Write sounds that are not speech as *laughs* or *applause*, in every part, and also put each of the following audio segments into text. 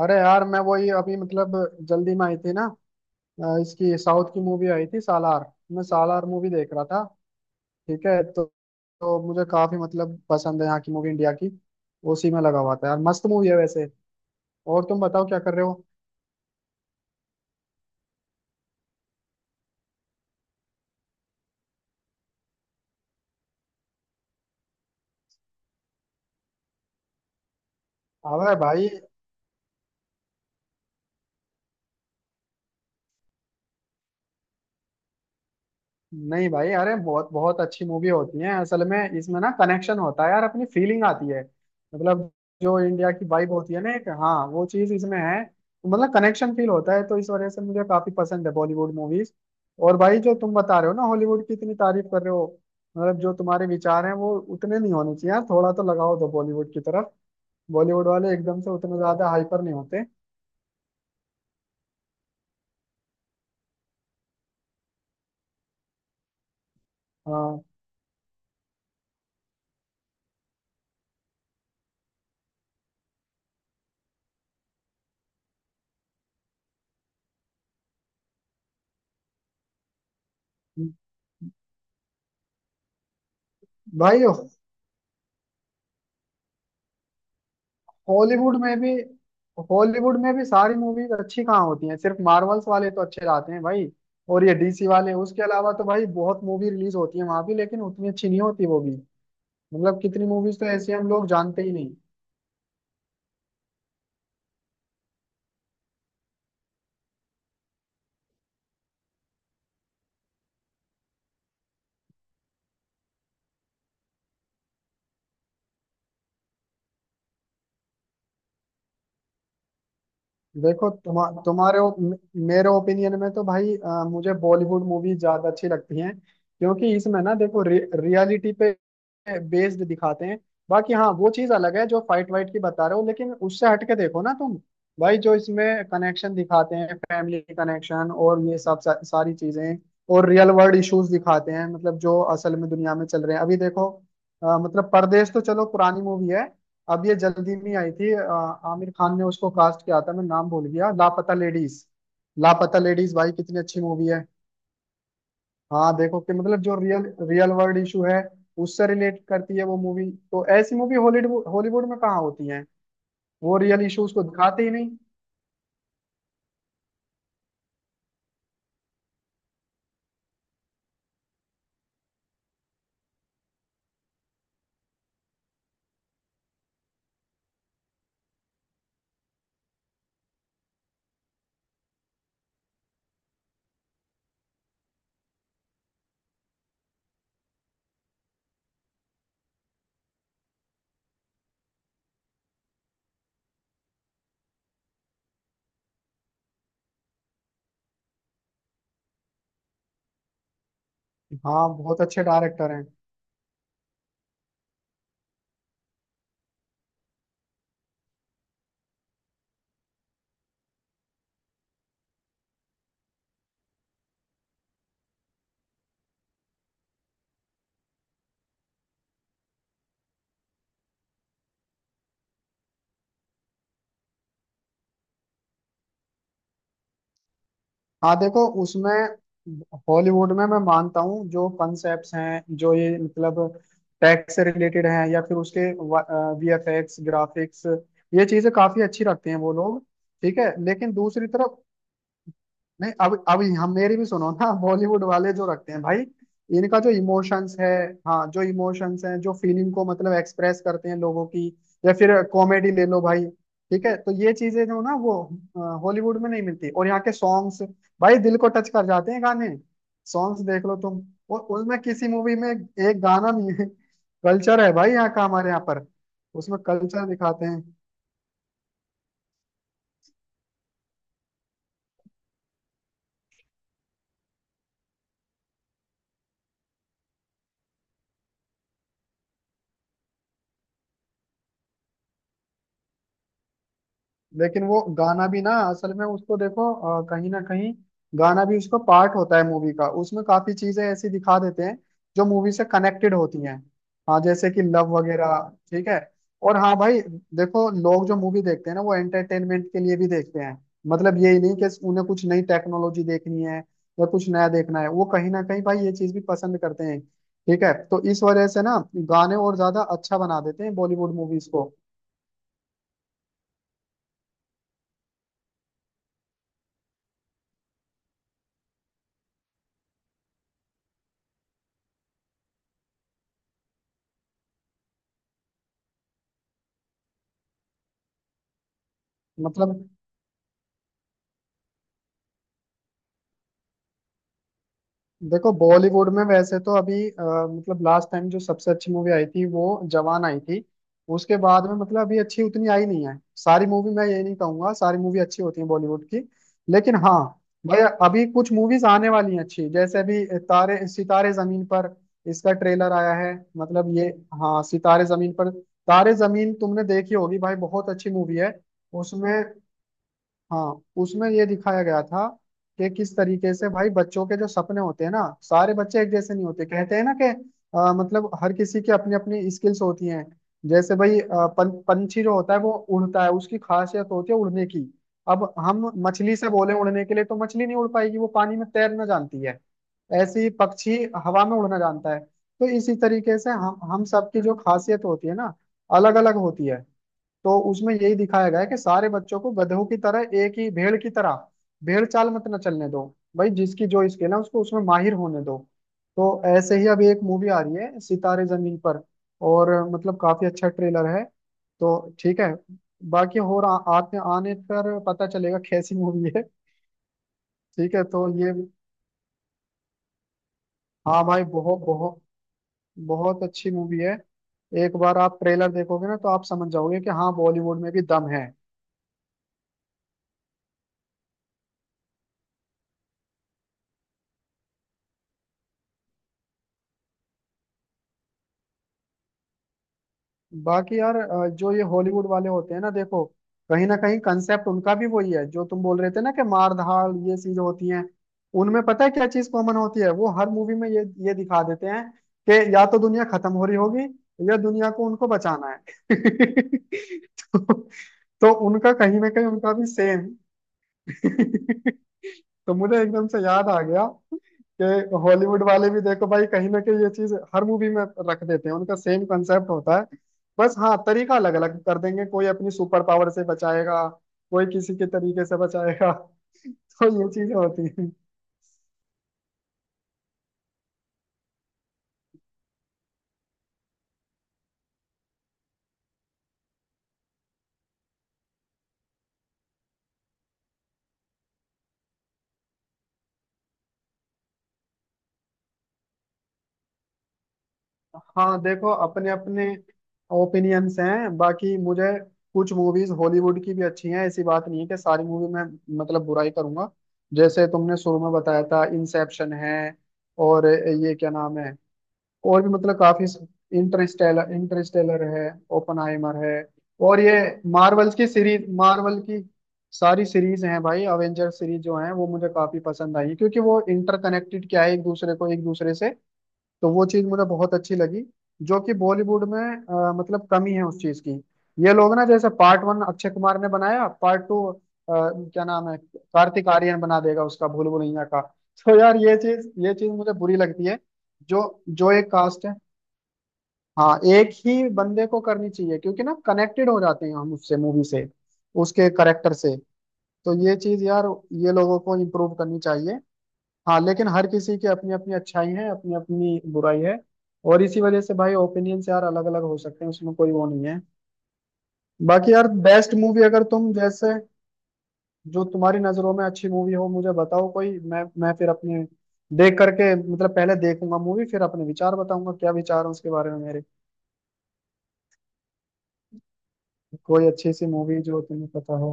अरे यार मैं वही अभी जल्दी में आई थी ना। इसकी साउथ की मूवी आई थी सालार। मैं सालार मूवी देख रहा था। ठीक है तो मुझे काफी पसंद है यहाँ की मूवी इंडिया की। उसी में लगा हुआ था यार, मस्त मूवी है वैसे। और तुम बताओ क्या कर रहे हो? अबे भाई, नहीं भाई, अरे बहुत बहुत अच्छी मूवी होती है। असल में इसमें ना कनेक्शन होता है यार, अपनी फीलिंग आती है। मतलब जो इंडिया की वाइब होती है ना एक, हाँ, वो चीज इसमें है, तो मतलब कनेक्शन फील होता है, तो इस वजह से मुझे काफी पसंद है बॉलीवुड मूवीज। और भाई जो तुम बता रहे हो ना, हॉलीवुड की इतनी तारीफ कर रहे हो, मतलब जो तुम्हारे विचार हैं वो उतने नहीं होने चाहिए यार, थोड़ा तो लगाओ दो बॉलीवुड की तरफ। बॉलीवुड वाले एकदम से उतने ज्यादा हाइपर नहीं होते। हाँ भाई, हॉलीवुड में भी हॉलीवुड में भी सारी मूवीज अच्छी कहाँ होती हैं? सिर्फ मार्वल्स वाले तो अच्छे लाते हैं भाई और ये डीसी वाले, उसके अलावा तो भाई बहुत मूवी रिलीज होती है वहां भी, लेकिन उतनी अच्छी नहीं होती वो भी। मतलब कितनी मूवीज तो ऐसी हम लोग जानते ही नहीं। देखो तुम्हा, तुम्हारे ओ- मे- मेरे ओपिनियन में तो भाई मुझे बॉलीवुड मूवी ज्यादा अच्छी लगती हैं, क्योंकि इसमें ना देखो रियलिटी पे बेस्ड दिखाते हैं। बाकी हाँ, वो चीज अलग है जो फाइट वाइट की बता रहे हो, लेकिन उससे हटके देखो ना तुम। भाई जो इसमें कनेक्शन दिखाते हैं, फैमिली कनेक्शन और ये सब सारी चीजें। और रियल वर्ल्ड इश्यूज दिखाते हैं, मतलब जो असल में दुनिया में चल रहे हैं अभी देखो। मतलब परदेश तो चलो पुरानी मूवी है। अब ये जल्दी में आई थी आमिर खान ने उसको कास्ट किया था, मैं नाम भूल गया, लापता लेडीज। लापता लेडीज भाई कितनी अच्छी मूवी है। हाँ देखो, कि मतलब जो रियल, रियल वर्ल्ड इशू है उससे रिलेट करती है वो मूवी। तो ऐसी मूवी हॉलीवुड हॉलीवुड में कहाँ होती है? वो रियल इश्यूज को दिखाते ही नहीं। हाँ, बहुत अच्छे डायरेक्टर हैं। हाँ देखो उसमें, हॉलीवुड में मैं मानता हूँ जो कॉन्सेप्ट्स हैं, जो ये टैक्स से रिलेटेड हैं या फिर उसके वीएफएक्स ग्राफिक्स, ये चीजें काफी अच्छी रखते हैं वो लोग। ठीक है, लेकिन दूसरी तरफ, नहीं अब हम मेरी भी सुनो ना, बॉलीवुड वाले जो रखते हैं भाई, इनका जो इमोशंस है, हाँ जो इमोशंस हैं, जो फीलिंग को मतलब एक्सप्रेस करते हैं लोगों की, या फिर कॉमेडी ले लो भाई। ठीक है, तो ये चीजें जो ना वो हॉलीवुड में नहीं मिलती। और यहाँ के सॉन्ग्स, भाई दिल को टच कर जाते हैं गाने, सॉन्ग्स देख लो तुम। और उसमें किसी मूवी में एक गाना भी है, कल्चर है भाई यहाँ का, हमारे यहाँ पर उसमें कल्चर दिखाते हैं। लेकिन वो गाना भी ना, असल में उसको देखो कहीं ना कहीं गाना भी उसका पार्ट होता है मूवी का, उसमें काफी चीजें ऐसी दिखा देते हैं जो मूवी से कनेक्टेड होती हैं। हाँ, जैसे कि लव वगैरह। ठीक है, और हाँ भाई देखो, लोग जो मूवी देखते हैं ना वो एंटरटेनमेंट के लिए भी देखते हैं। मतलब यही नहीं कि उन्हें कुछ नई टेक्नोलॉजी देखनी है या कुछ नया देखना है, वो कहीं ना कहीं भाई ये चीज भी पसंद करते हैं। ठीक है, तो इस वजह से ना गाने और ज्यादा अच्छा बना देते हैं बॉलीवुड मूवीज को। मतलब देखो बॉलीवुड में वैसे तो अभी मतलब लास्ट टाइम जो सबसे अच्छी मूवी आई थी वो जवान आई थी। उसके बाद में मतलब अभी अच्छी उतनी आई नहीं है। सारी मूवी, मैं ये नहीं कहूंगा सारी मूवी अच्छी होती है बॉलीवुड की। लेकिन हाँ भाई, अभी कुछ मूवीज आने वाली हैं अच्छी, जैसे अभी तारे सितारे जमीन पर, इसका ट्रेलर आया है, मतलब ये। हाँ, सितारे जमीन पर। तारे जमीन तुमने देखी होगी भाई, बहुत अच्छी मूवी है। उसमें, हाँ उसमें ये दिखाया गया था कि किस तरीके से भाई बच्चों के जो सपने होते हैं ना, सारे बच्चे एक जैसे नहीं होते, कहते हैं ना कि मतलब हर किसी की अपनी अपनी स्किल्स होती हैं। जैसे भाई पंछी जो होता है वो उड़ता है, उसकी खासियत होती है उड़ने की। अब हम मछली से बोले उड़ने के लिए तो मछली नहीं उड़ पाएगी, वो पानी में तैरना जानती है। ऐसे ही पक्षी हवा में उड़ना जानता है। तो इसी तरीके से हम सबकी जो खासियत होती है ना, अलग अलग होती है। तो उसमें यही दिखाया गया है कि सारे बच्चों को गधों की तरह, एक ही भेड़ की तरह, भेड़ चाल मत ना चलने दो। भाई जिसकी जो स्किल है उसको उसमें माहिर होने दो। तो ऐसे ही अभी एक मूवी आ रही है सितारे जमीन पर, और मतलब काफी अच्छा ट्रेलर है। तो ठीक है, बाकी और आ, आते आने पर पता चलेगा कैसी मूवी है। ठीक है, तो ये, हाँ भाई बहुत बहुत बहुत अच्छी मूवी है। एक बार आप ट्रेलर देखोगे ना तो आप समझ जाओगे कि हाँ बॉलीवुड में भी दम है। बाकी यार जो ये हॉलीवुड वाले होते हैं ना देखो, कहीं ना कहीं कंसेप्ट उनका भी वही है जो तुम बोल रहे थे ना, कि मार धाड़ ये चीजें होती हैं उनमें। पता है क्या चीज कॉमन होती है? वो हर मूवी में ये दिखा देते हैं कि या तो दुनिया खत्म हो रही होगी या दुनिया को उनको बचाना है। *laughs* तो उनका कहीं ना कहीं उनका भी सेम। *laughs* तो मुझे एकदम से याद आ गया कि हॉलीवुड वाले भी देखो भाई, कहीं ना कहीं ये चीज हर मूवी में रख देते हैं, उनका सेम कंसेप्ट होता है। बस हाँ, तरीका अलग अलग कर देंगे, कोई अपनी सुपर पावर से बचाएगा, कोई किसी के तरीके से बचाएगा। *laughs* तो ये चीजें होती हैं। हाँ देखो, अपने अपने ओपिनियंस हैं। बाकी मुझे कुछ मूवीज हॉलीवुड की भी अच्छी हैं, ऐसी बात नहीं है कि सारी मूवी में मतलब बुराई करूंगा। जैसे तुमने शुरू में बताया था इंसेप्शन है, और ये क्या नाम है, और भी मतलब काफी, इंटरस्टेलर इंटरस्टेलर है, ओपनहाइमर है, और ये मार्वल की सीरीज, मार्वल की सारी सीरीज हैं भाई। अवेंजर सीरीज जो है वो मुझे काफी पसंद आई, क्योंकि वो इंटरकनेक्टेड क्या है, एक दूसरे को एक दूसरे से। तो वो चीज मुझे बहुत अच्छी लगी, जो कि बॉलीवुड में मतलब कमी है उस चीज की। ये लोग ना जैसे पार्ट वन अक्षय कुमार ने बनाया, पार्ट टू क्या नाम है कार्तिक आर्यन बना देगा उसका, भूल भुलैया का। *laughs* तो यार ये चीज मुझे बुरी लगती है। जो जो एक कास्ट है, हाँ एक ही बंदे को करनी चाहिए, क्योंकि ना कनेक्टेड हो जाते हैं हम उससे, मूवी से, उसके करेक्टर से। तो ये चीज यार ये लोगों को इम्प्रूव करनी चाहिए। हाँ लेकिन हर किसी की अपनी अपनी अच्छाई है, अपनी अपनी बुराई है, और इसी वजह से भाई ओपिनियंस यार अलग अलग हो सकते हैं, उसमें कोई वो नहीं है। बाकी यार बेस्ट मूवी, अगर तुम जैसे, जो तुम्हारी नजरों में अच्छी मूवी हो मुझे बताओ कोई, मैं फिर अपने देख करके मतलब पहले देखूंगा मूवी, फिर अपने विचार बताऊंगा क्या विचार है उसके बारे में मेरे। कोई अच्छी सी मूवी जो तुम्हें पता हो।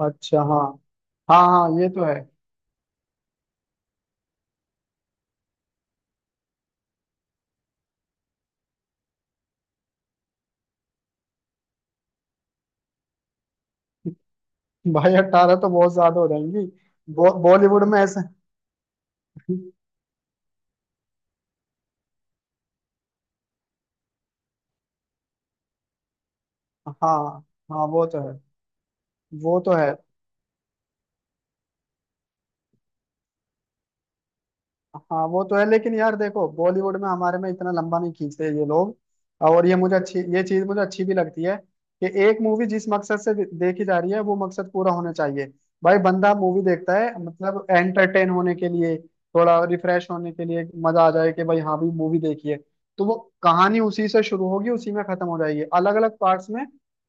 अच्छा, हाँ, हाँ हाँ ये तो है। भाई 18 तो बहुत ज्यादा हो जाएंगी, बॉलीवुड में ऐसे। हाँ, हाँ वो तो है, वो तो है। हाँ वो तो है, लेकिन यार देखो बॉलीवुड में हमारे में इतना लंबा नहीं खींचते ये लोग, और ये मुझे अच्छी, ये चीज मुझे अच्छी भी लगती है कि एक मूवी जिस मकसद से देखी जा रही है वो मकसद पूरा होना चाहिए। भाई बंदा मूवी देखता है मतलब एंटरटेन होने के लिए, थोड़ा रिफ्रेश होने के लिए, मजा आ जाए कि भाई हाँ भी मूवी देखिए। तो वो कहानी उसी से शुरू होगी उसी में खत्म हो जाएगी, अलग अलग पार्ट्स में।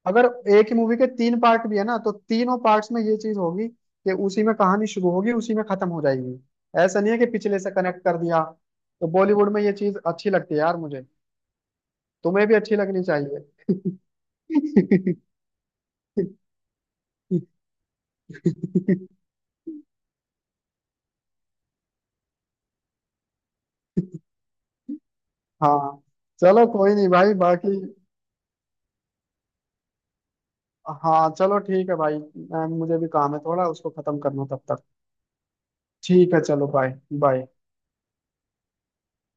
अगर एक ही मूवी के 3 पार्ट भी है ना, तो तीनों पार्ट्स में ये चीज होगी कि उसी में कहानी शुरू होगी उसी में खत्म हो जाएगी। ऐसा नहीं है कि पिछले से कनेक्ट कर दिया। तो बॉलीवुड में ये चीज अच्छी लगती है यार मुझे, तुम्हें भी अच्छी लगनी चाहिए। *laughs* हाँ चलो कोई नहीं भाई, बाकी हाँ चलो ठीक है भाई, मुझे भी काम है थोड़ा उसको खत्म करना तब तक। ठीक है चलो, बाय बाय।